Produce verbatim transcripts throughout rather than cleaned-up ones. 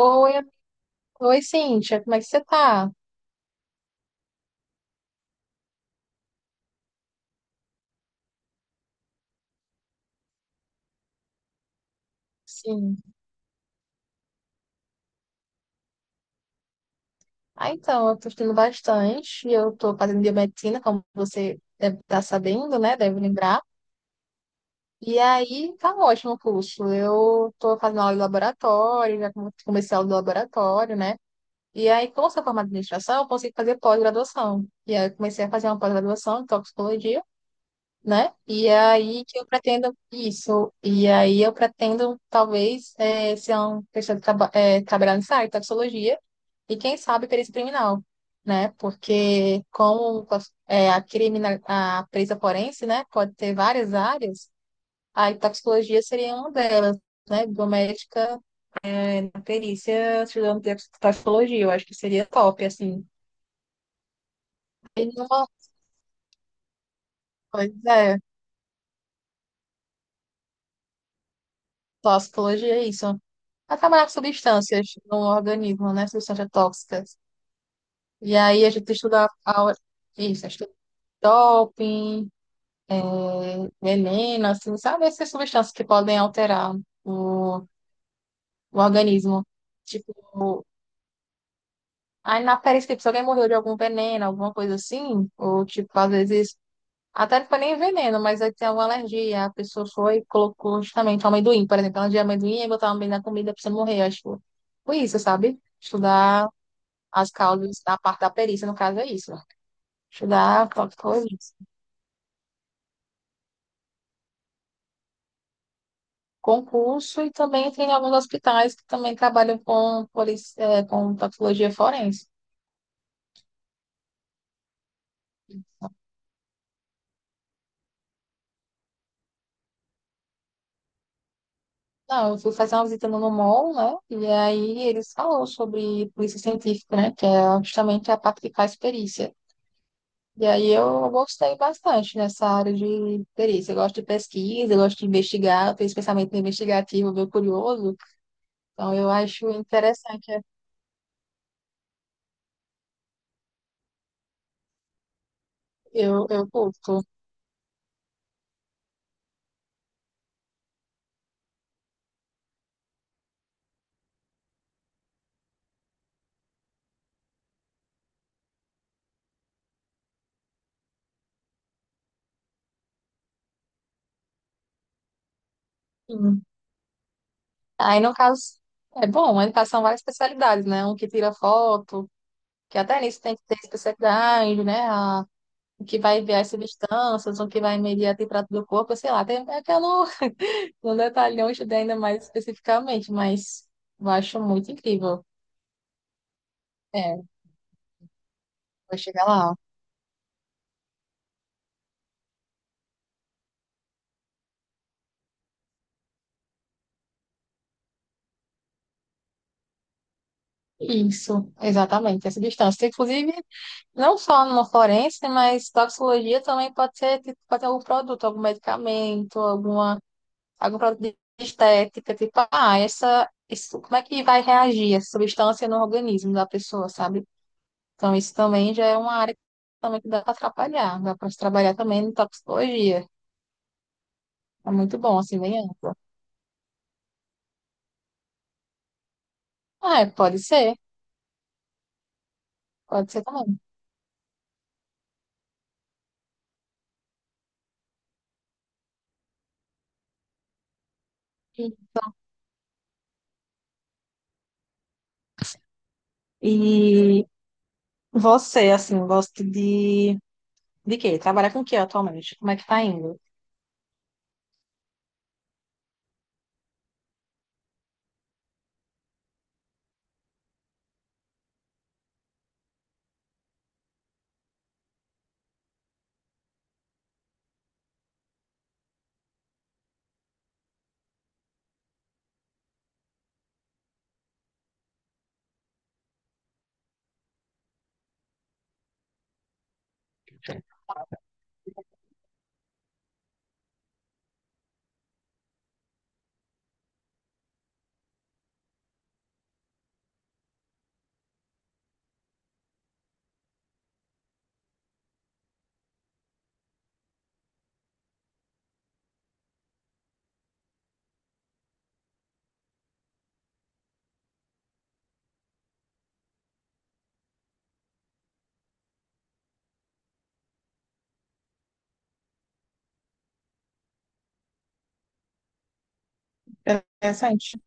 Oi, a- oi, Cíntia, como é que você tá? Sim. Ah, então, eu tô estudando bastante e eu tô fazendo biomedicina, como você deve estar sabendo, né? Deve lembrar. E aí, tá um ótimo o curso. Eu tô fazendo aula de laboratório, já come- comecei a aula de laboratório, né? E aí, como eu sou formada em administração, eu consegui fazer pós-graduação. E aí, eu comecei a fazer uma pós-graduação em toxicologia, né? E aí que eu pretendo isso. E aí eu pretendo, talvez, eh, ser uma pessoa que traba- eh, trabalhar nessa área de toxicologia e, quem sabe, perícia criminal, né? Porque como tox- eh, a, criminal, a perícia forense, né, pode ter várias áreas, a toxicologia seria uma delas, né? Biomédica, eh, na perícia, estudando de toxicologia, eu acho que seria top, assim. E uma coisa é, toxicologia é isso. A trabalhar com substâncias no organismo, né? Substâncias tóxicas. E aí a gente estuda a- isso, estuda doping, veneno, assim, sabe? Essas substâncias que podem alterar o, o organismo. Tipo, aí na perícia, tipo, se alguém morreu de algum veneno, alguma coisa assim, ou tipo, às vezes, até não foi nem veneno, mas aí tem alguma alergia, a pessoa foi e colocou justamente um amendoim, por exemplo, ela de amendoim e botar amendoim na comida pra você morrer, acho. Foi isso, sabe? Estudar as causas da parte da perícia, no caso é isso, né? Estudar toxicologista. Concurso e também entrei em alguns hospitais que também trabalham com, polici- eh, com toxicologia forense. Não, eu fui fazer uma visita no N U M O L, né? E aí eles falaram sobre polícia científica, né? Que é justamente a parte que faz perícia. E aí eu gostei bastante nessa área de perícia. Eu gosto de pesquisa, eu gosto de investigar, eu tenho esse pensamento investigativo, meio curioso. Então eu acho interessante, eu, eu curto. Aí, no caso, é bom, ele passa várias especialidades, né? Um que tira foto, que até nisso tem que ter especialidade, né? A, o que vai enviar as substâncias, o que vai medir a temperatura do corpo, sei lá. Tem, é que eu não, não detalhei, eu estudei ainda mais especificamente, mas eu acho muito incrível. É, vou chegar lá. Isso, exatamente, essa substância. Inclusive, não só no forense, mas toxicologia também pode ser, tipo, pode ter algum produto, algum medicamento, alguma algum produto de estética, tipo, ah, essa, isso, como é que vai reagir essa substância no organismo da pessoa, sabe? Então, isso também já é uma área que também que dá para trabalhar, dá para trabalhar também em toxicologia. É muito bom, assim, bem amplo. Ah, é, pode ser, pode ser também. E você, assim, gosta de, de quê? Trabalha com o quê atualmente? Como é que tá indo? Interessante.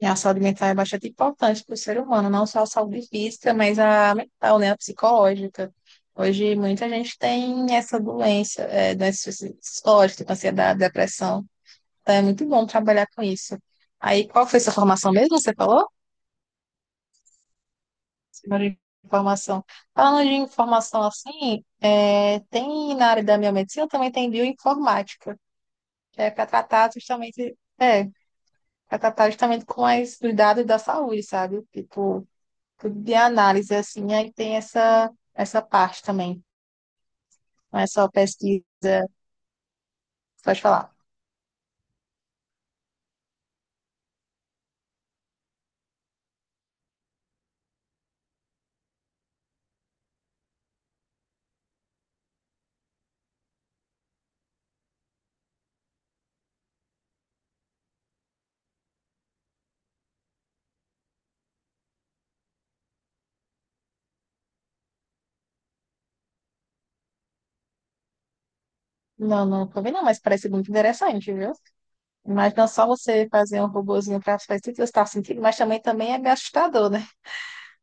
E a saúde mental é bastante importante para o ser humano, não só a saúde física, mas a mental, né, a psicológica. Hoje, muita gente tem essa doença, é, doença psicológica, tipo ansiedade, depressão. Então, é muito bom trabalhar com isso. Aí, qual foi sua formação mesmo? Você falou? Senhora falou de informação. Falando de informação assim, é, tem na área da biomedicina também tem bioinformática, que é para tratar justamente, é, para tratar justamente com as, os dados da saúde, sabe? Tipo, de análise, assim, aí tem essa, essa parte também. Não é só pesquisa, pode falar. Não, não tô vendo, não, mas parece muito interessante, viu? Mas não só você fazer um robozinho para as pesquisas que você está sentindo, mas também, também é meio assustador, né?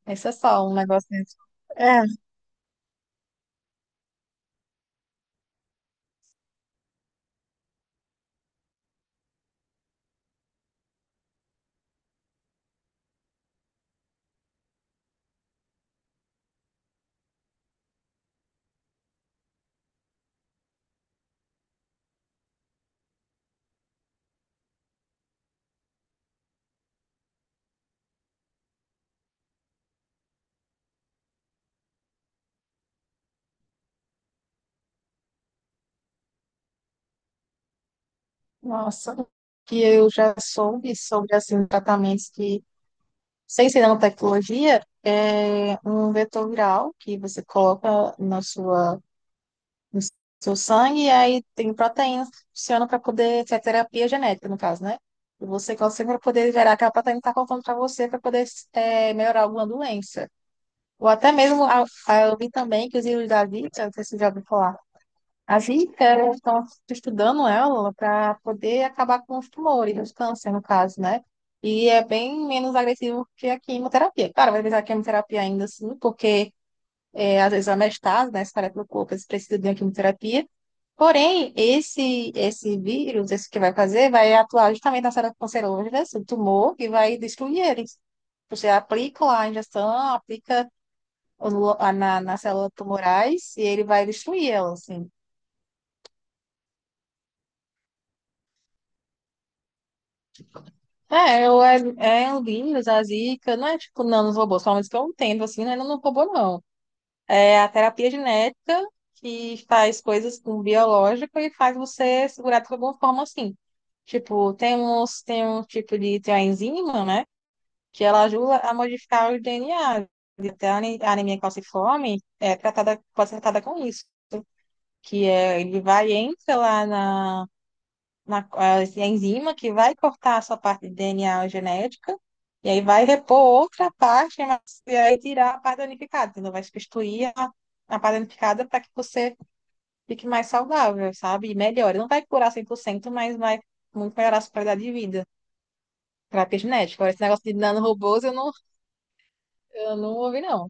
Esse é só um negócio desse. É, nossa, o que eu já soube sobre, assim, tratamentos que, sem ser nanotecnologia, é um vetor viral que você coloca na sua no seu sangue, e aí tem proteínas que funcionam para poder, que é terapia genética, no caso, né? E você consegue para poder gerar aquela proteína que está faltando para você, para poder é, melhorar alguma doença. Ou até mesmo, a- a- eu vi também que os livros da Vita, não sei se você já ouviu falar, a Vita, eles estão estudando ela para poder acabar com os tumores, os câncer, no caso, né? E é bem menos agressivo que a quimioterapia. Claro, vai precisar de quimioterapia ainda, assim, porque é, às vezes anestase, né, espalha pelo corpo, eles precisam de uma quimioterapia. Porém, esse, esse vírus, esse que vai fazer, vai atuar justamente nas células cancerosas do tumor e vai destruir eles. Você aplica lá a injeção, aplica o- a- na, nas células tumorais e ele vai destruir elas, assim. É, eu, é, é o vírus, a zika, não é tipo nanos robôs, pelo menos que eu entendo, assim, né, não é nano robô, não. É a terapia genética, que faz coisas com o biológico e faz você segurar de alguma forma assim. Tipo, tem uns, tem um tipo de, tem uma enzima, né? Que ela ajuda a modificar o D N A. Até a ane- a anemia calciforme é tratada, pode ser tratada com isso. Que é, ele vai, entra lá na, na, a enzima que vai cortar essa parte de D N A genética, e aí vai repor outra parte, mas, e aí tirar a parte danificada, entendeu? Vai substituir a, a parte danificada para que você fique mais saudável, sabe? E melhore. Não vai curar cem por cento mas vai muito melhorar a sua qualidade de vida. Terapia genética. Agora, esse negócio de nanorobôs eu não, eu não ouvi, não.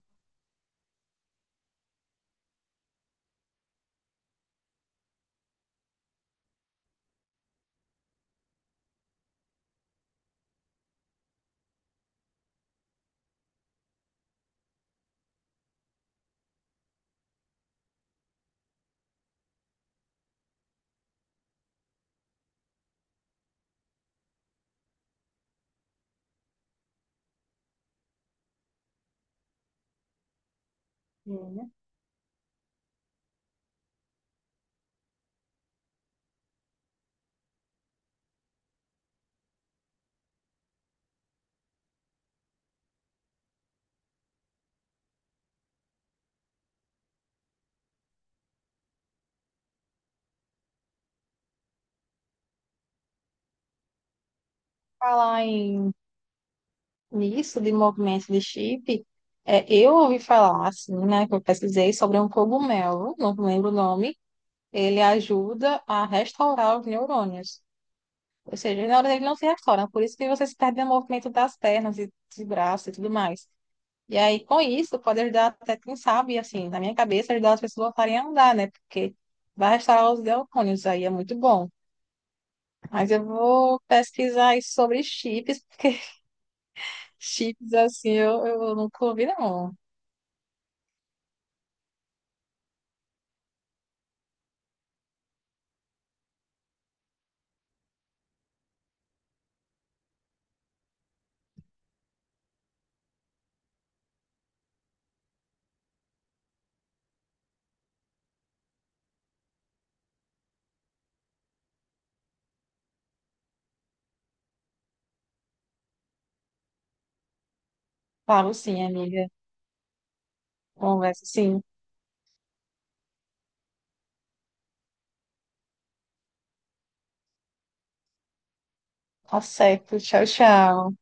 Hum. Falar em nisso, de movimento de chip, é, eu ouvi falar, assim, né, que eu pesquisei sobre um cogumelo, não lembro o nome, ele ajuda a restaurar os neurônios. Ou seja, os neurônios eles não se restauram, por isso que você se perde no movimento das pernas e dos braços e tudo mais. E aí, com isso, pode ajudar até, quem sabe, assim, na minha cabeça, ajudar as pessoas a voltarem a andar, né? Porque vai restaurar os neurônios, aí é muito bom. Mas eu vou pesquisar isso sobre chips, porque chips, assim, eu, eu nunca ouvi, não. Falo sim, amiga. Conversa sim. Tá certo. Tchau, tchau.